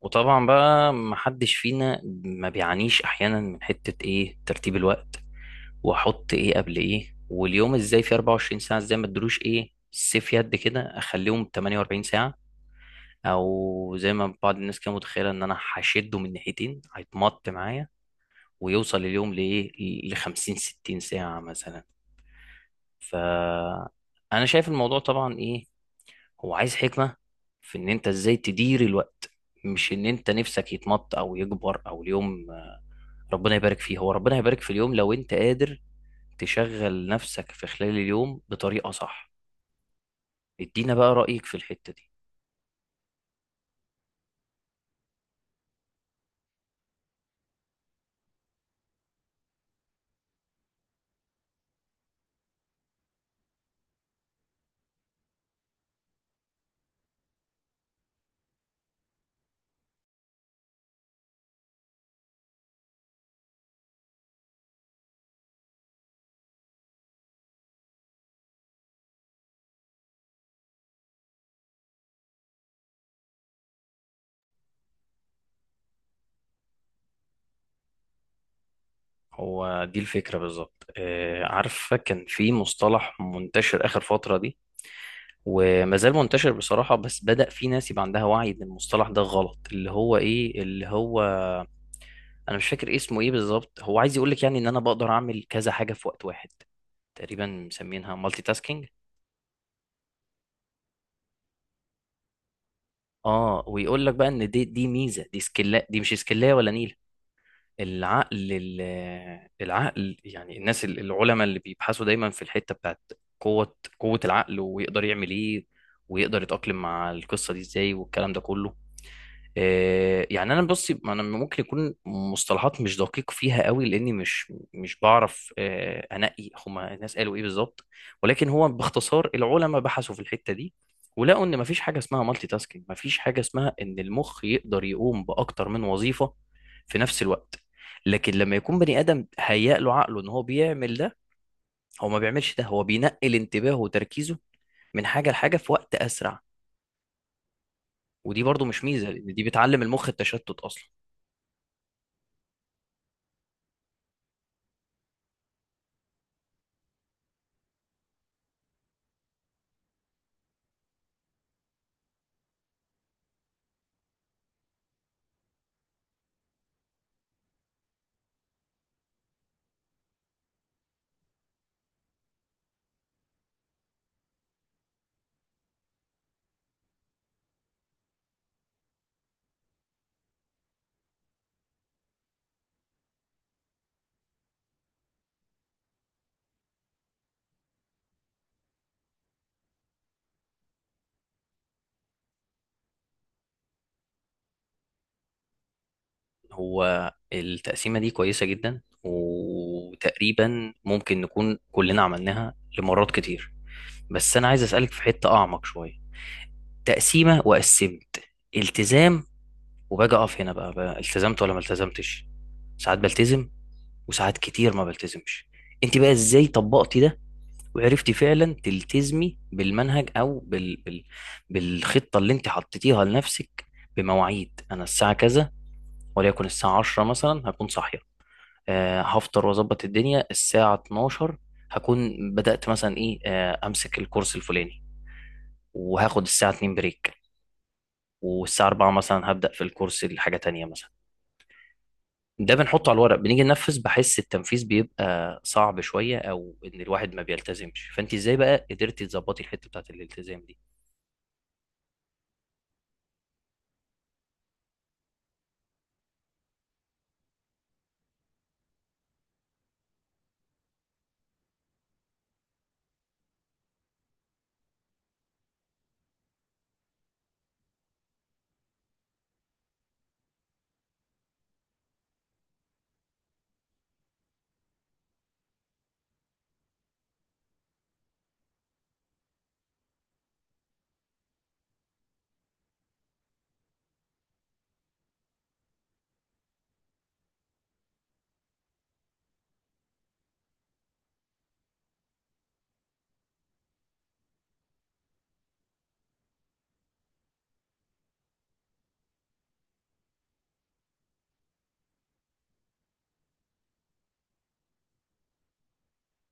وطبعا بقى محدش فينا ما بيعانيش احيانا من حتة ايه ترتيب الوقت، واحط ايه قبل ايه، واليوم ازاي في 24 ساعة ازاي ما ادلوش ايه سيف يد كده اخليهم 48 ساعة، او زي ما بعض الناس كانت متخيلة ان انا هشده من ناحيتين هيتمط معايا ويوصل اليوم لايه، ل 50 60 ساعة مثلا. ف انا شايف الموضوع طبعا ايه، هو عايز حكمة في ان انت ازاي تدير الوقت، مش ان انت نفسك يتمط او يكبر او اليوم. ربنا يبارك فيه، هو ربنا يبارك في اليوم لو انت قادر تشغل نفسك في خلال اليوم بطريقة صح. ادينا بقى رأيك في الحتة دي. هو دي الفكرة بالظبط. آه، عارفة كان في مصطلح منتشر آخر فترة دي، وما زال منتشر بصراحة، بس بدأ في ناس يبقى عندها وعي إن المصطلح ده غلط، اللي هو إيه، اللي هو أنا مش فاكر اسمه إيه بالظبط. هو عايز يقولك يعني إن أنا بقدر أعمل كذا حاجة في وقت واحد، تقريبا مسمينها مالتي تاسكينج. اه، ويقول لك بقى ان دي ميزه، دي سكيلا، دي مش سكيلايه ولا نيله. العقل ال- العقل يعني، العلماء اللي بيبحثوا دايما في الحتة بتاعت قوة العقل، ويقدر يعمل ايه، ويقدر يتأقلم مع القصة دي ازاي والكلام ده كله. آه، يعني انا بصي، انا ممكن يكون مصطلحات مش دقيق فيها قوي لاني مش بعرف، آه، انقي هما الناس قالوا ايه بالظبط، ولكن هو باختصار العلماء بحثوا في الحته دي، ولقوا ان مفيش حاجه اسمها مالتي تاسكينج، مفيش حاجه اسمها ان المخ يقدر يقوم باكتر من وظيفه في نفس الوقت. لكن لما يكون بني ادم هيأ له عقله ان هو بيعمل ده، هو ما بيعملش ده، هو بينقل انتباهه وتركيزه من حاجه لحاجه في وقت اسرع. ودي برضو مش ميزه، لان دي بتعلم المخ التشتت اصلا. هو التقسيمة دي كويسة جدا، وتقريبا ممكن نكون كلنا عملناها لمرات كتير، بس أنا عايز أسألك في حتة أعمق شوية. تقسيمة وقسمت التزام، وباجي أقف هنا بقى، بقى التزمت ولا ما التزمتش. ساعات بلتزم، وساعات كتير ما بلتزمش. أنت بقى إزاي طبقتي ده، وعرفتي فعلا تلتزمي بالمنهج أو بالخطة اللي أنت حطيتيها لنفسك، بمواعيد؟ أنا الساعة كذا وليكن الساعة 10 مثلا هكون صاحية، آه، هفطر واظبط الدنيا الساعة 12 هكون بدأت مثلا ايه، آه، امسك الكورس الفلاني، وهاخد الساعة 2 بريك، والساعة 4 مثلا هبدأ في الكورس الحاجة تانية مثلا. ده بنحطه على الورق، بنيجي ننفذ بحس التنفيذ بيبقى صعب شوية، او ان الواحد ما بيلتزمش. فانت ازاي بقى قدرتي تظبطي الحتة بتاعت الالتزام دي؟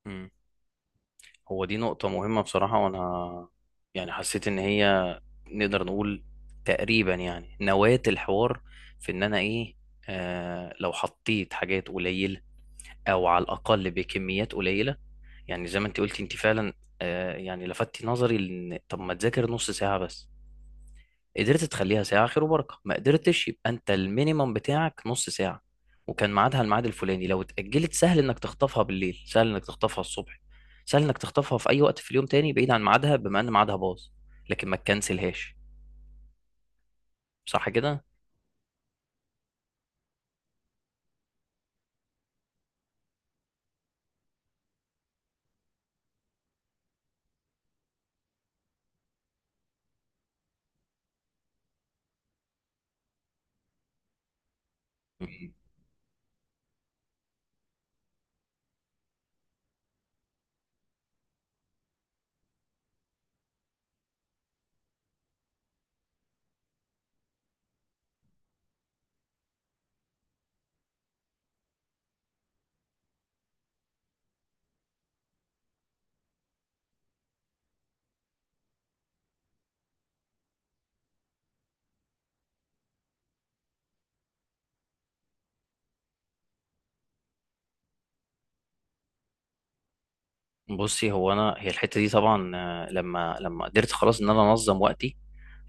مم. هو دي نقطة مهمة بصراحة، وانا يعني حسيت ان هي نقدر نقول تقريبا يعني نواة الحوار، في ان انا ايه، آه، لو حطيت حاجات قليلة او على الاقل بكميات قليلة. يعني زي ما انت قلتي، انت فعلا آه يعني لفتي نظري، لان طب ما تذاكر نص ساعة بس. قدرت تخليها ساعة خير وبركة، ما قدرتش يبقى انت المينيمم بتاعك نص ساعة وكان ميعادها الميعاد الفلاني. لو اتأجلت، سهل انك تخطفها بالليل، سهل انك تخطفها الصبح، سهل انك تخطفها في اي وقت في اليوم تاني بعيد عن ميعادها، بما ان ميعادها باظ، لكن ما تكنسلهاش. صح كده؟ بصي هو انا هي الحته دي طبعا، آه، لما لما قدرت خلاص ان انا انظم وقتي،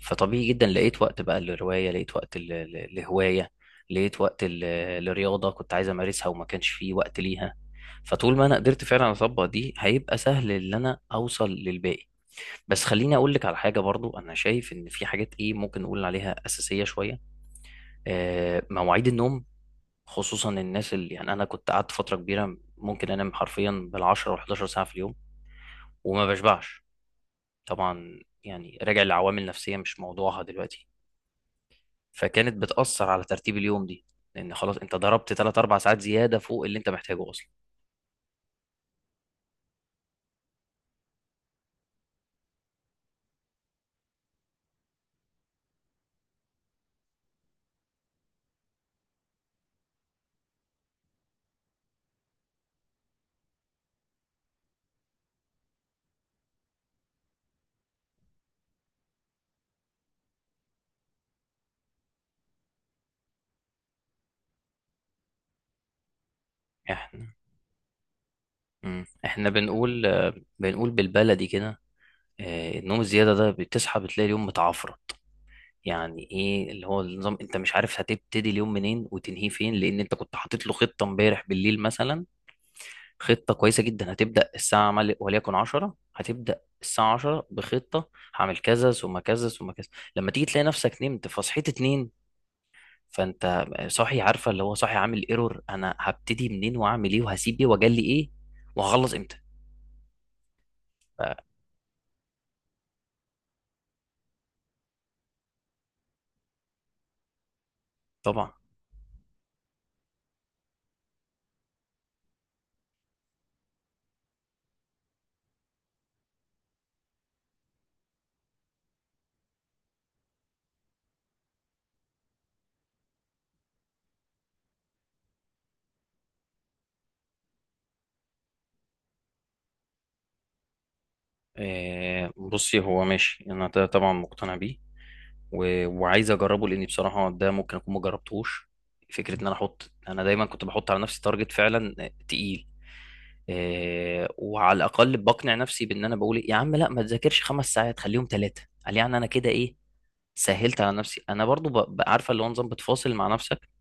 فطبيعي جدا لقيت وقت بقى للروايه، لقيت وقت لهوايه، لقيت وقت لرياضه كنت عايز امارسها وما كانش فيه وقت ليها. فطول ما انا قدرت فعلا اطبق دي، هيبقى سهل ان انا اوصل للباقي. بس خليني اقول لك على حاجه برضو. انا شايف ان في حاجات ايه ممكن نقول عليها اساسيه شويه، آه، مواعيد النوم، خصوصا الناس اللي يعني انا كنت قعدت فتره كبيره ممكن انام حرفيا بال10 و11 ساعه في اليوم وما بشبعش. طبعا يعني راجع لعوامل نفسية مش موضوعها دلوقتي، فكانت بتأثر على ترتيب اليوم دي، لأن خلاص أنت ضربت 3 4 ساعات زيادة فوق اللي أنت محتاجه أصلا. إحنا، مم. إحنا بنقول آه، بنقول بالبلدي كده، آه، النوم الزيادة ده بتصحى بتلاقي اليوم متعفرط. يعني إيه اللي هو النظام، أنت مش عارف هتبتدي اليوم منين وتنهيه فين، لأن أنت كنت حاطط له خطة امبارح بالليل مثلا، خطة كويسة جدا. هتبدأ الساعة وليكن 10، هتبدأ الساعة 10 بخطة هعمل كذا ثم كذا ثم كذا. لما تيجي تلاقي نفسك نمت فصحيت اتنين، فانت صاحي، عارفة اللي هو صاحي عامل ايرور، انا هبتدي منين وهعمل ايه وهسيب ايه واجلي ايه وهخلص امتى. ف- طبعا. آه، بصي هو ماشي، انا ده طبعا مقتنع بيه، وعايز اجربه، لاني بصراحه ده ممكن اكون ما جربتهوش. فكره ان انا احط، انا دايما كنت بحط على نفسي تارجت فعلا، آه، تقيل، آه، وعلى الاقل بقنع نفسي بان انا بقول إيه، يا عم لا ما تذاكرش 5 ساعات خليهم 3، قال يعني انا كده ايه، سهلت على نفسي. انا برضو عارفه اللي هو نظام بتفاصل مع نفسك.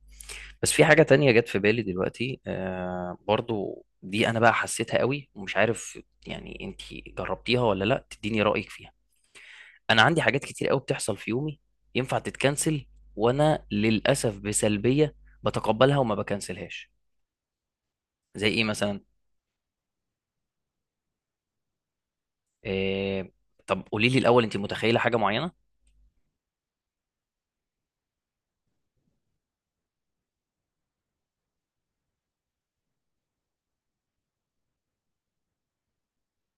بس في حاجه تانية جت في بالي دلوقتي آه برضو، دي انا بقى حسيتها قوي ومش عارف يعني انت جربتيها ولا لا، تديني رايك فيها. انا عندي حاجات كتير قوي بتحصل في يومي ينفع تتكنسل، وانا للاسف بسلبيه بتقبلها وما بكنسلهاش. زي ايه مثلا؟ إيه... طب قولي لي الاول انت متخيله حاجه معينه.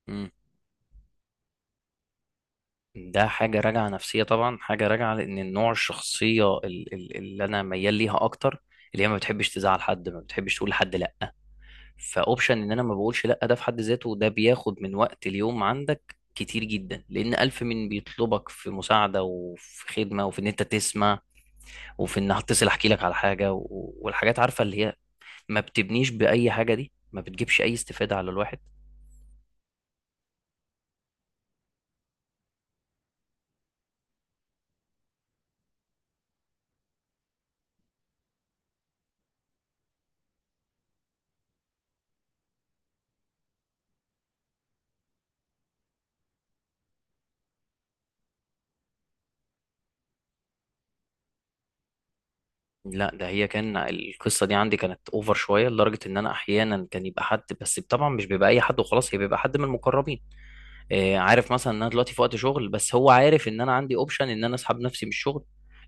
مم. ده حاجه راجعه نفسيه طبعا، حاجه راجعه لان النوع الشخصيه اللي انا ميال ليها اكتر، اللي هي ما بتحبش تزعل حد، ما بتحبش تقول لحد لا. فاوبشن ان انا ما بقولش لا ده في حد ذاته، ده بياخد من وقت اليوم عندك كتير جدا، لان الف من بيطلبك في مساعده وفي خدمه وفي ان انت تسمع، وفي ان هتصل احكي لك على حاجه والحاجات، عارفه اللي هي ما بتبنيش باي حاجه، دي ما بتجيبش اي استفاده على الواحد. لا، ده هي كان القصه دي عندي كانت اوفر شويه، لدرجه ان انا احيانا كان يبقى حد، بس طبعا مش بيبقى اي حد وخلاص، هي بيبقى حد من المقربين، آه، عارف مثلا ان انا دلوقتي في وقت شغل، بس هو عارف ان انا عندي اوبشن ان انا اسحب نفسي من الشغل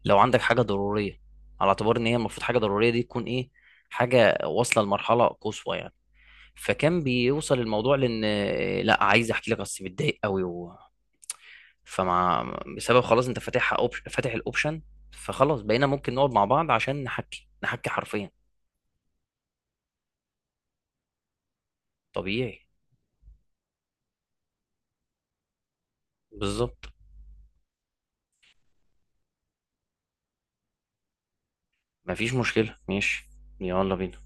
لو عندك حاجه ضروريه. على اعتبار ان هي المفروض حاجه ضروريه دي تكون ايه، حاجه واصله لمرحله قصوى يعني. فكان بيوصل الموضوع لان، آه، لا عايز احكي لك بس متضايق قوي. فمع، بسبب خلاص انت فاتحها فاتح الاوبشن، فخلاص بقينا ممكن نقعد مع بعض عشان نحكي نحكي حرفيا. طبيعي. بالظبط. مفيش مشكلة، ماشي. يلا بينا.